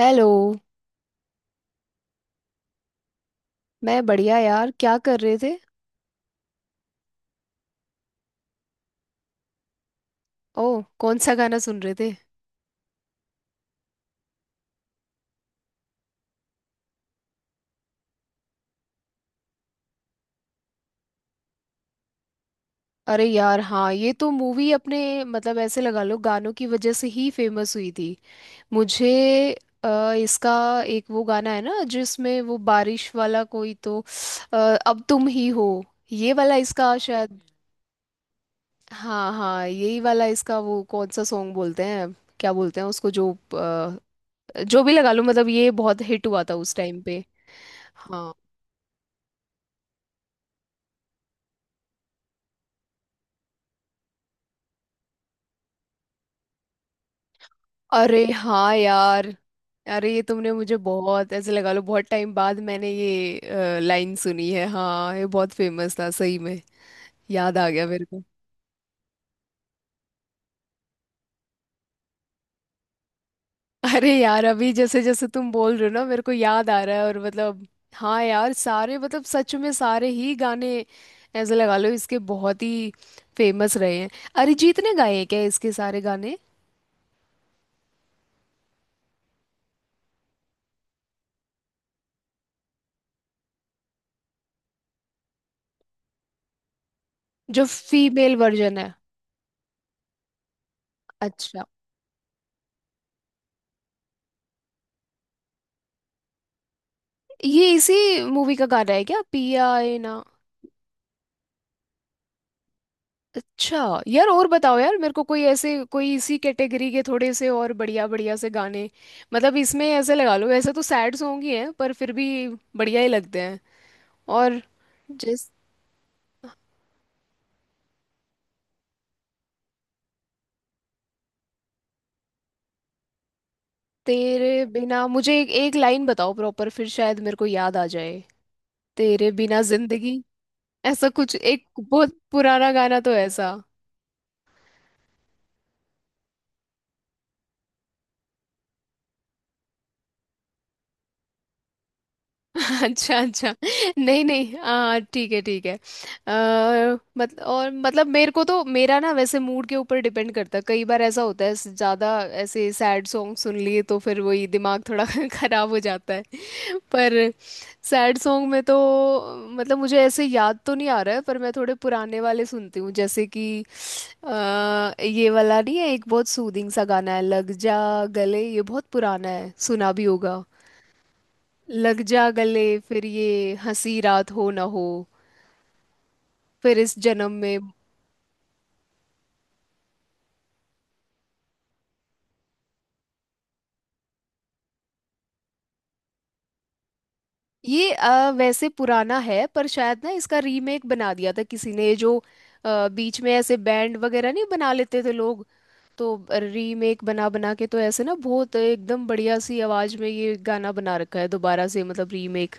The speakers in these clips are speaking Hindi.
हेलो। मैं बढ़िया यार। क्या कर रहे थे? ओह, कौन सा गाना सुन रहे थे? अरे यार हाँ, ये तो मूवी अपने मतलब ऐसे लगा लो गानों की वजह से ही फेमस हुई थी। मुझे इसका एक वो गाना है ना जिसमें वो बारिश वाला कोई तो। अ, अब तुम ही हो, ये वाला इसका शायद। हाँ हाँ, यही वाला इसका वो कौन सा सॉन्ग बोलते हैं। क्या बोलते हैं उसको जो जो भी लगा लो मतलब ये बहुत हिट हुआ था उस टाइम पे। हाँ। अरे हाँ यार, अरे ये तुमने मुझे बहुत ऐसे लगा लो बहुत टाइम बाद मैंने ये लाइन सुनी है। हाँ ये बहुत फेमस था सही में। याद आ गया मेरे को। अरे यार अभी जैसे जैसे तुम बोल रहे हो ना मेरे को याद आ रहा है और मतलब हाँ यार सारे मतलब सच में सारे ही गाने ऐसे लगा लो इसके बहुत ही फेमस रहे हैं। अरिजीत ने गाए हैं क्या इसके सारे गाने? जो फीमेल वर्जन है। अच्छा, ये इसी मूवी का गाना है क्या, पिया ए ना? अच्छा यार, और बताओ यार मेरे को कोई ऐसे कोई इसी कैटेगरी के थोड़े से और बढ़िया बढ़िया से गाने, मतलब इसमें ऐसे लगा लो वैसे तो सैड सॉन्ग ही हैं पर फिर भी बढ़िया ही लगते हैं। और जिस तेरे बिना मुझे एक लाइन बताओ प्रॉपर फिर शायद मेरे को याद आ जाए। तेरे बिना जिंदगी ऐसा कुछ, एक बहुत पुराना गाना तो ऐसा। अच्छा अच्छा। नहीं नहीं। हाँ ठीक है, ठीक है। आ, मत, और मतलब मेरे को तो मेरा ना वैसे मूड के ऊपर डिपेंड करता है। कई बार ऐसा होता है ज़्यादा ऐसे सैड सॉन्ग सुन लिए तो फिर वही दिमाग थोड़ा खराब हो जाता है। पर सैड सॉन्ग में तो मतलब मुझे ऐसे याद तो नहीं आ रहा है पर मैं थोड़े पुराने वाले सुनती हूँ जैसे कि अ, ये वाला नहीं है, एक बहुत सूदिंग सा गाना है, लग जा गले। ये बहुत पुराना है, सुना भी होगा। लग जा गले, फिर ये हंसी रात हो ना हो, फिर इस जन्म में। ये वैसे पुराना है पर शायद ना इसका रीमेक बना दिया था किसी ने, जो बीच में ऐसे बैंड वगैरह नहीं बना लेते थे लोग, तो रीमेक बना बना के तो ऐसे ना बहुत एकदम बढ़िया सी आवाज में ये गाना बना रखा है दोबारा से, मतलब रीमेक।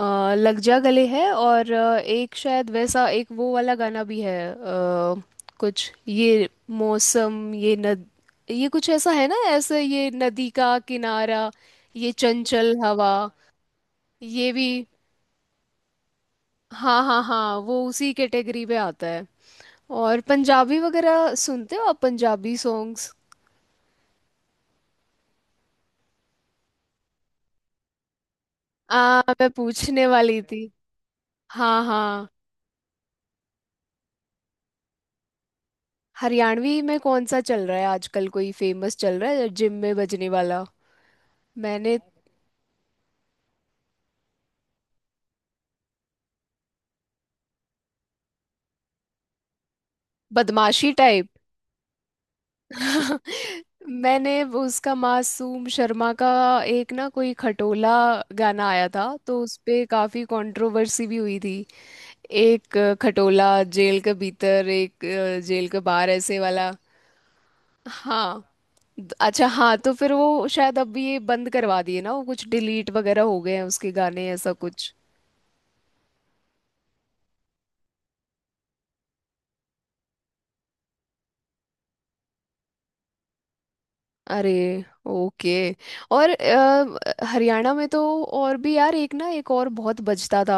लग जा गले है, और एक शायद वैसा एक वो वाला गाना भी है कुछ ये मौसम ये नद, ये कुछ ऐसा है ना, ऐसे ये नदी का किनारा, ये चंचल हवा, ये भी। हाँ हाँ हाँ, वो उसी कैटेगरी में आता है। और पंजाबी वगैरह सुनते हो आप, पंजाबी सॉन्ग्स? आ मैं पूछने वाली थी। हाँ हाँ। हरियाणवी में कौन सा चल रहा है आजकल, कोई फेमस चल रहा है जिम में बजने वाला? मैंने। बदमाशी टाइप। मैंने वो उसका मासूम शर्मा का एक ना कोई खटोला गाना आया था तो उस पे काफी कंट्रोवर्सी भी हुई थी। एक खटोला जेल के भीतर, एक जेल के बाहर, ऐसे वाला। हाँ अच्छा, हाँ तो फिर वो शायद अब ये बंद करवा दिए ना, वो कुछ डिलीट वगैरह हो गए हैं उसके गाने, ऐसा कुछ। अरे। ओके। और हरियाणा में तो और भी यार एक ना एक और बहुत बजता था।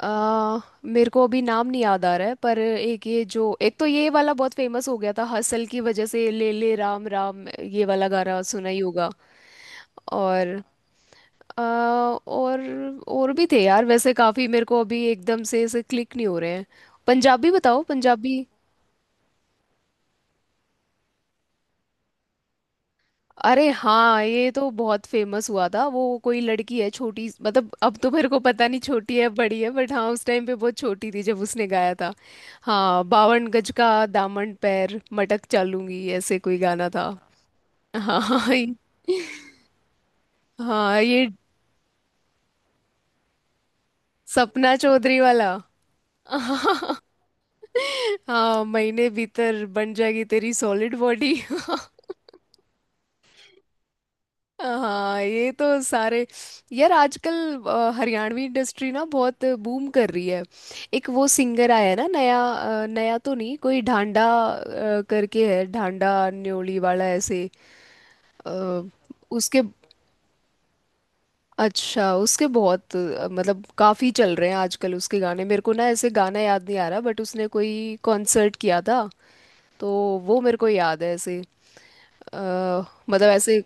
आ, मेरे को अभी नाम नहीं याद आ रहा है पर एक ये जो एक, तो ये वाला बहुत फेमस हो गया था हसल की वजह से, ले ले राम राम, ये वाला गाना सुना ही होगा। और आ, और और भी थे यार वैसे काफी, मेरे को अभी एकदम से ऐसे क्लिक नहीं हो रहे हैं। पंजाबी बताओ, पंजाबी। अरे हाँ, ये तो बहुत फेमस हुआ था। वो कोई लड़की है छोटी, मतलब अब तो मेरे को पता नहीं छोटी है बड़ी है, बट हाँ उस टाइम पे बहुत छोटी थी जब उसने गाया था। हाँ, बावन गज का दामन पैर मटक चालूंगी, ऐसे कोई गाना था। हाँ हाँ हाँ, ये सपना चौधरी वाला। हाँ, महीने भीतर बन जाएगी तेरी सॉलिड बॉडी। हाँ ये तो सारे। यार आजकल हरियाणवी इंडस्ट्री ना बहुत बूम कर रही है। एक वो सिंगर आया है ना नया, नया तो नहीं, कोई ढांडा करके है, ढांडा न्योली वाला ऐसे अ, उसके। अच्छा, उसके बहुत मतलब काफी चल रहे हैं आजकल उसके गाने। मेरे को ना ऐसे गाना याद नहीं आ रहा बट उसने कोई कॉन्सर्ट किया था तो वो मेरे को याद है ऐसे अ, मतलब ऐसे।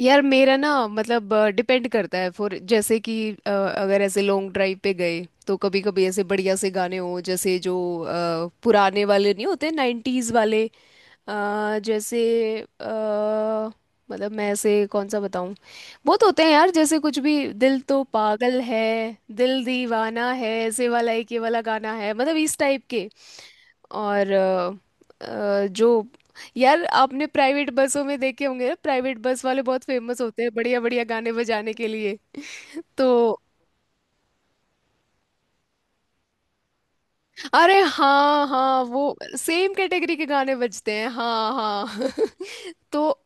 यार मेरा ना मतलब डिपेंड करता है फॉर, जैसे कि अगर ऐसे लॉन्ग ड्राइव पे गए तो कभी कभी ऐसे बढ़िया से गाने हो जैसे जो पुराने वाले नहीं होते, नाइन्टीज वाले जैसे अ, मतलब मैं ऐसे कौन सा बताऊं, बहुत होते हैं यार, जैसे कुछ भी दिल तो पागल है, दिल दीवाना है, ऐसे वाला एक ये वाला गाना है, मतलब इस टाइप के। और जो, यार आपने प्राइवेट बसों में देखे होंगे ना, प्राइवेट बस वाले बहुत फेमस होते हैं बढ़िया बढ़िया गाने बजाने के लिए। तो अरे हाँ हाँ, वो सेम कैटेगरी के गाने बजते हैं। हाँ हाँ। तो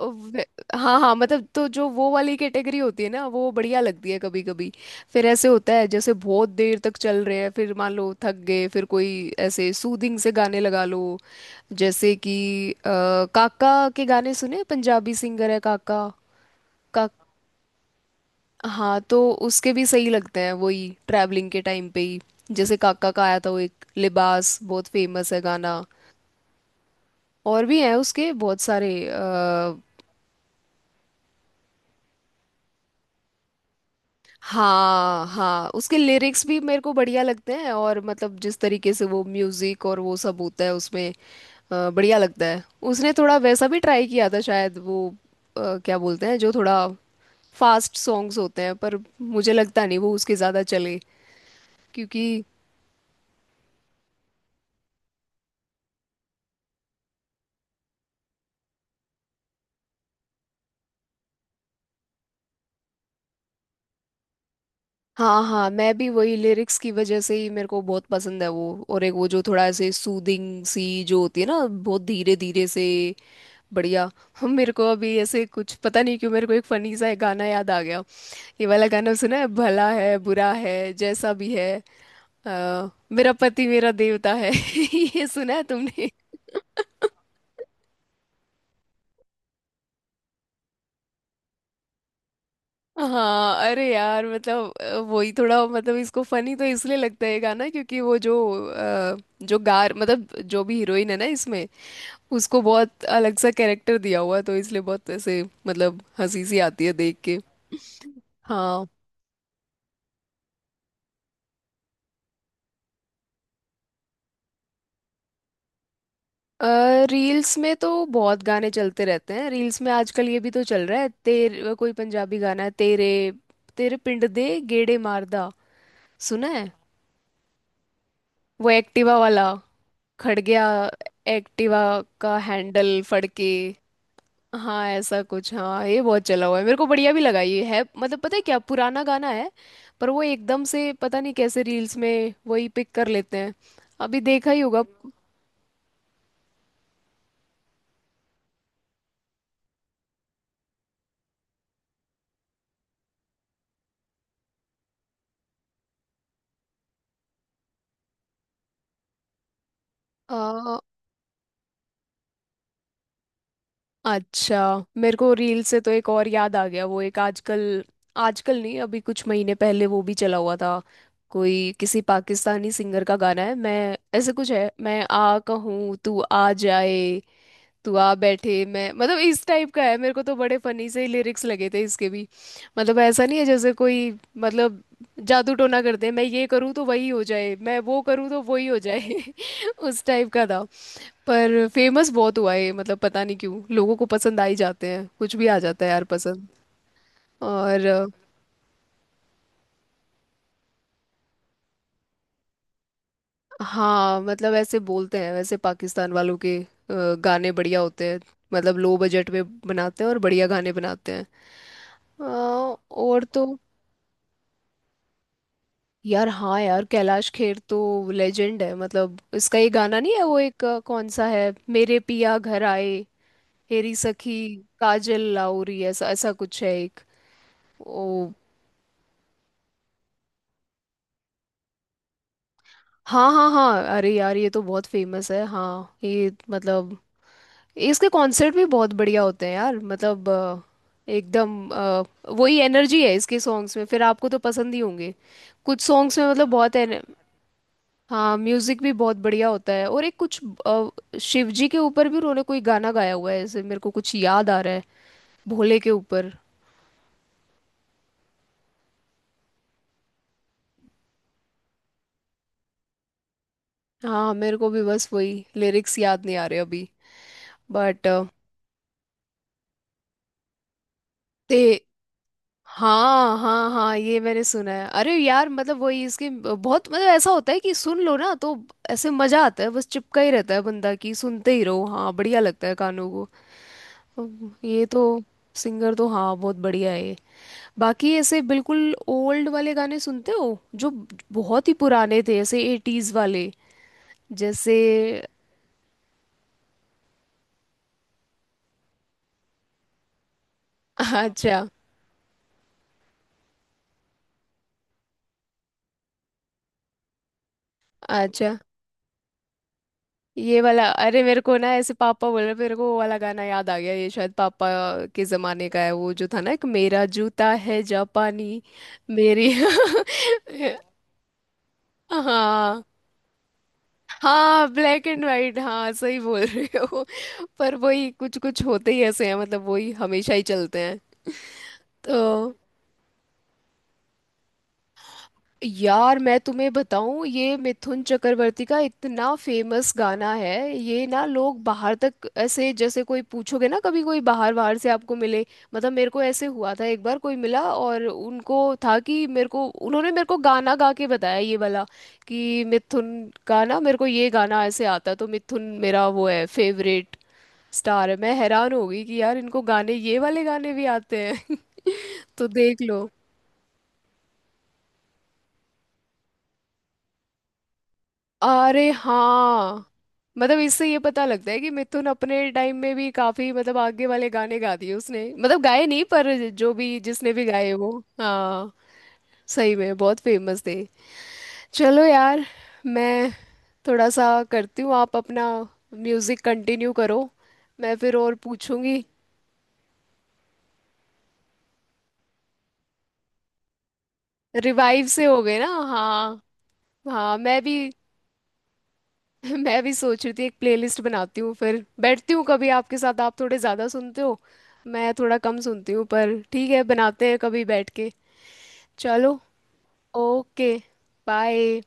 वे- हाँ हाँ, मतलब तो जो वो वाली कैटेगरी होती है ना वो बढ़िया लगती है कभी कभी। फिर ऐसे होता है जैसे बहुत देर तक चल रहे हैं, फिर मान लो थक गए, फिर कोई ऐसे सूदिंग से गाने लगा लो, जैसे कि अ, काका के गाने सुने? पंजाबी सिंगर है काका। का, हाँ तो उसके भी सही लगते हैं वही ट्रैवलिंग के टाइम पे ही। जैसे काका का आया था वो एक लिबास, बहुत फेमस है गाना। और भी हैं उसके बहुत सारे। हाँ हाँ, उसके लिरिक्स भी मेरे को बढ़िया लगते हैं और मतलब जिस तरीके से वो म्यूजिक और वो सब होता है उसमें बढ़िया लगता है। उसने थोड़ा वैसा भी ट्राई किया था शायद वो क्या बोलते हैं जो थोड़ा फास्ट सॉन्ग्स होते हैं, पर मुझे लगता नहीं वो उसके ज़्यादा चले, क्योंकि। हाँ हाँ, मैं भी वही लिरिक्स की वजह से ही मेरे को बहुत पसंद है वो। और एक वो जो थोड़ा ऐसे सूदिंग सी जो होती है ना बहुत धीरे धीरे से, बढ़िया। हम, मेरे को अभी ऐसे कुछ पता नहीं क्यों मेरे को एक फनी सा एक गाना याद आ गया। ये वाला गाना सुना है, भला है बुरा है जैसा भी है मेरा पति मेरा देवता है। ये सुना है तुमने? हाँ अरे यार, मतलब वही थोड़ा मतलब इसको फनी तो इसलिए लगता है ये गाना क्योंकि वो जो अ, जो गार मतलब जो भी हीरोइन है ना इसमें उसको बहुत अलग सा कैरेक्टर दिया हुआ है, तो इसलिए बहुत ऐसे मतलब हंसी सी आती है देख के। हाँ। रील्स में तो बहुत गाने चलते रहते हैं रील्स में आजकल। ये भी तो चल रहा है, तेरे, कोई पंजाबी गाना है, तेरे तेरे पिंड दे गेड़े मारदा, सुना है? वो एक्टिवा वाला खड़ गया, एक्टिवा का हैंडल फड़के। हाँ ऐसा कुछ, हाँ ये बहुत चला हुआ है, मेरे को बढ़िया भी लगा, ये है मतलब पता है क्या पुराना गाना है पर वो एकदम से पता नहीं कैसे रील्स में वही पिक कर लेते हैं। अभी देखा ही होगा। आ, अच्छा, मेरे को रील से तो एक और याद आ गया। वो एक आजकल, आजकल नहीं अभी कुछ महीने पहले वो भी चला हुआ था। कोई किसी पाकिस्तानी सिंगर का गाना है, मैं ऐसे कुछ है, मैं आ कहूँ तू आ जाए, तू आ बैठे मैं, मतलब इस टाइप का है। मेरे को तो बड़े फनी से ही लिरिक्स लगे थे इसके भी। मतलब ऐसा नहीं है जैसे कोई मतलब जादू टोना करते हैं, मैं ये करूँ तो वही हो जाए, मैं वो करूँ तो वही हो जाए। उस टाइप का था। पर फेमस बहुत हुआ है मतलब पता नहीं क्यों लोगों को पसंद आ ही जाते हैं कुछ भी आ जाता है यार पसंद। और हाँ मतलब ऐसे बोलते हैं वैसे पाकिस्तान वालों के गाने बढ़िया होते हैं, मतलब लो बजट में बनाते हैं और बढ़िया गाने बनाते हैं। अ, और तो यार हाँ, यार कैलाश खेर तो लेजेंड है। मतलब इसका ये गाना नहीं है वो एक कौन सा है, मेरे पिया घर आए हेरी सखी काजल लाउरी, ऐसा ऐसा कुछ है एक। ओ। हाँ हाँ हाँ, अरे यार ये तो बहुत फेमस है। हाँ ये मतलब इसके कॉन्सर्ट भी बहुत बढ़िया होते हैं यार, मतलब एकदम वही एनर्जी है इसके सॉन्ग्स में, फिर आपको तो पसंद ही होंगे कुछ सॉन्ग्स में मतलब बहुत। हाँ, म्यूजिक भी बहुत बढ़िया होता है। और एक कुछ अ, शिव जी के ऊपर भी उन्होंने कोई गाना गाया हुआ है ऐसे मेरे को कुछ याद आ रहा है, भोले के ऊपर। हाँ मेरे को भी बस वही लिरिक्स याद नहीं आ रहे अभी, बट ते हाँ हाँ हाँ, ये मैंने सुना है। अरे यार मतलब वही इसके बहुत मतलब ऐसा होता है कि सुन लो ना तो ऐसे मजा आता है, बस चिपका ही रहता है बंदा, कि सुनते ही रहो। हाँ, बढ़िया लगता है कानों को। अब ये तो सिंगर तो हाँ बहुत बढ़िया है ये। बाकी ऐसे बिल्कुल ओल्ड वाले गाने सुनते हो, जो बहुत ही पुराने थे, ऐसे एटीज वाले, जैसे। अच्छा अच्छा। ये वाला अरे मेरे को ना ऐसे पापा बोल रहे, मेरे को वो वाला गाना याद आ गया, ये शायद पापा के जमाने का है, वो जो था ना, एक मेरा जूता है जापानी, मेरी। हाँ हाँ, ब्लैक एंड वाइट, हाँ सही बोल रहे हो। पर वही कुछ कुछ होते ही ऐसे हैं मतलब वही हमेशा ही चलते हैं तो। यार मैं तुम्हें बताऊं, ये मिथुन चक्रवर्ती का इतना फेमस गाना है, ये ना लोग बाहर तक ऐसे, जैसे कोई पूछोगे ना कभी, कोई बाहर बाहर से आपको मिले, मतलब मेरे को ऐसे हुआ था एक बार, कोई मिला और उनको था कि मेरे को, उन्होंने मेरे को गाना गा के बताया ये वाला, कि मिथुन का ना मेरे को ये गाना ऐसे आता, तो मिथुन मेरा वो है, फेवरेट स्टार है। मैं हैरान हो गई कि यार इनको गाने ये वाले गाने भी आते हैं। तो देख लो। अरे हाँ, मतलब इससे ये पता लगता है कि मिथुन अपने टाइम में भी काफी मतलब आगे वाले गाने गा दिए उसने, मतलब गाए नहीं पर जो भी, जिसने भी गाए वो। हाँ सही में बहुत फेमस थे। चलो यार, मैं थोड़ा सा करती हूँ, आप अपना म्यूजिक कंटिन्यू करो, मैं फिर और पूछूंगी। रिवाइव से हो गए ना। हाँ हाँ, मैं भी। मैं भी सोच रही थी एक प्लेलिस्ट बनाती हूँ फिर बैठती हूँ कभी आपके साथ, आप थोड़े ज़्यादा सुनते हो, मैं थोड़ा कम सुनती हूँ, पर ठीक है, बनाते हैं कभी बैठ के। चलो। ओके। बाय।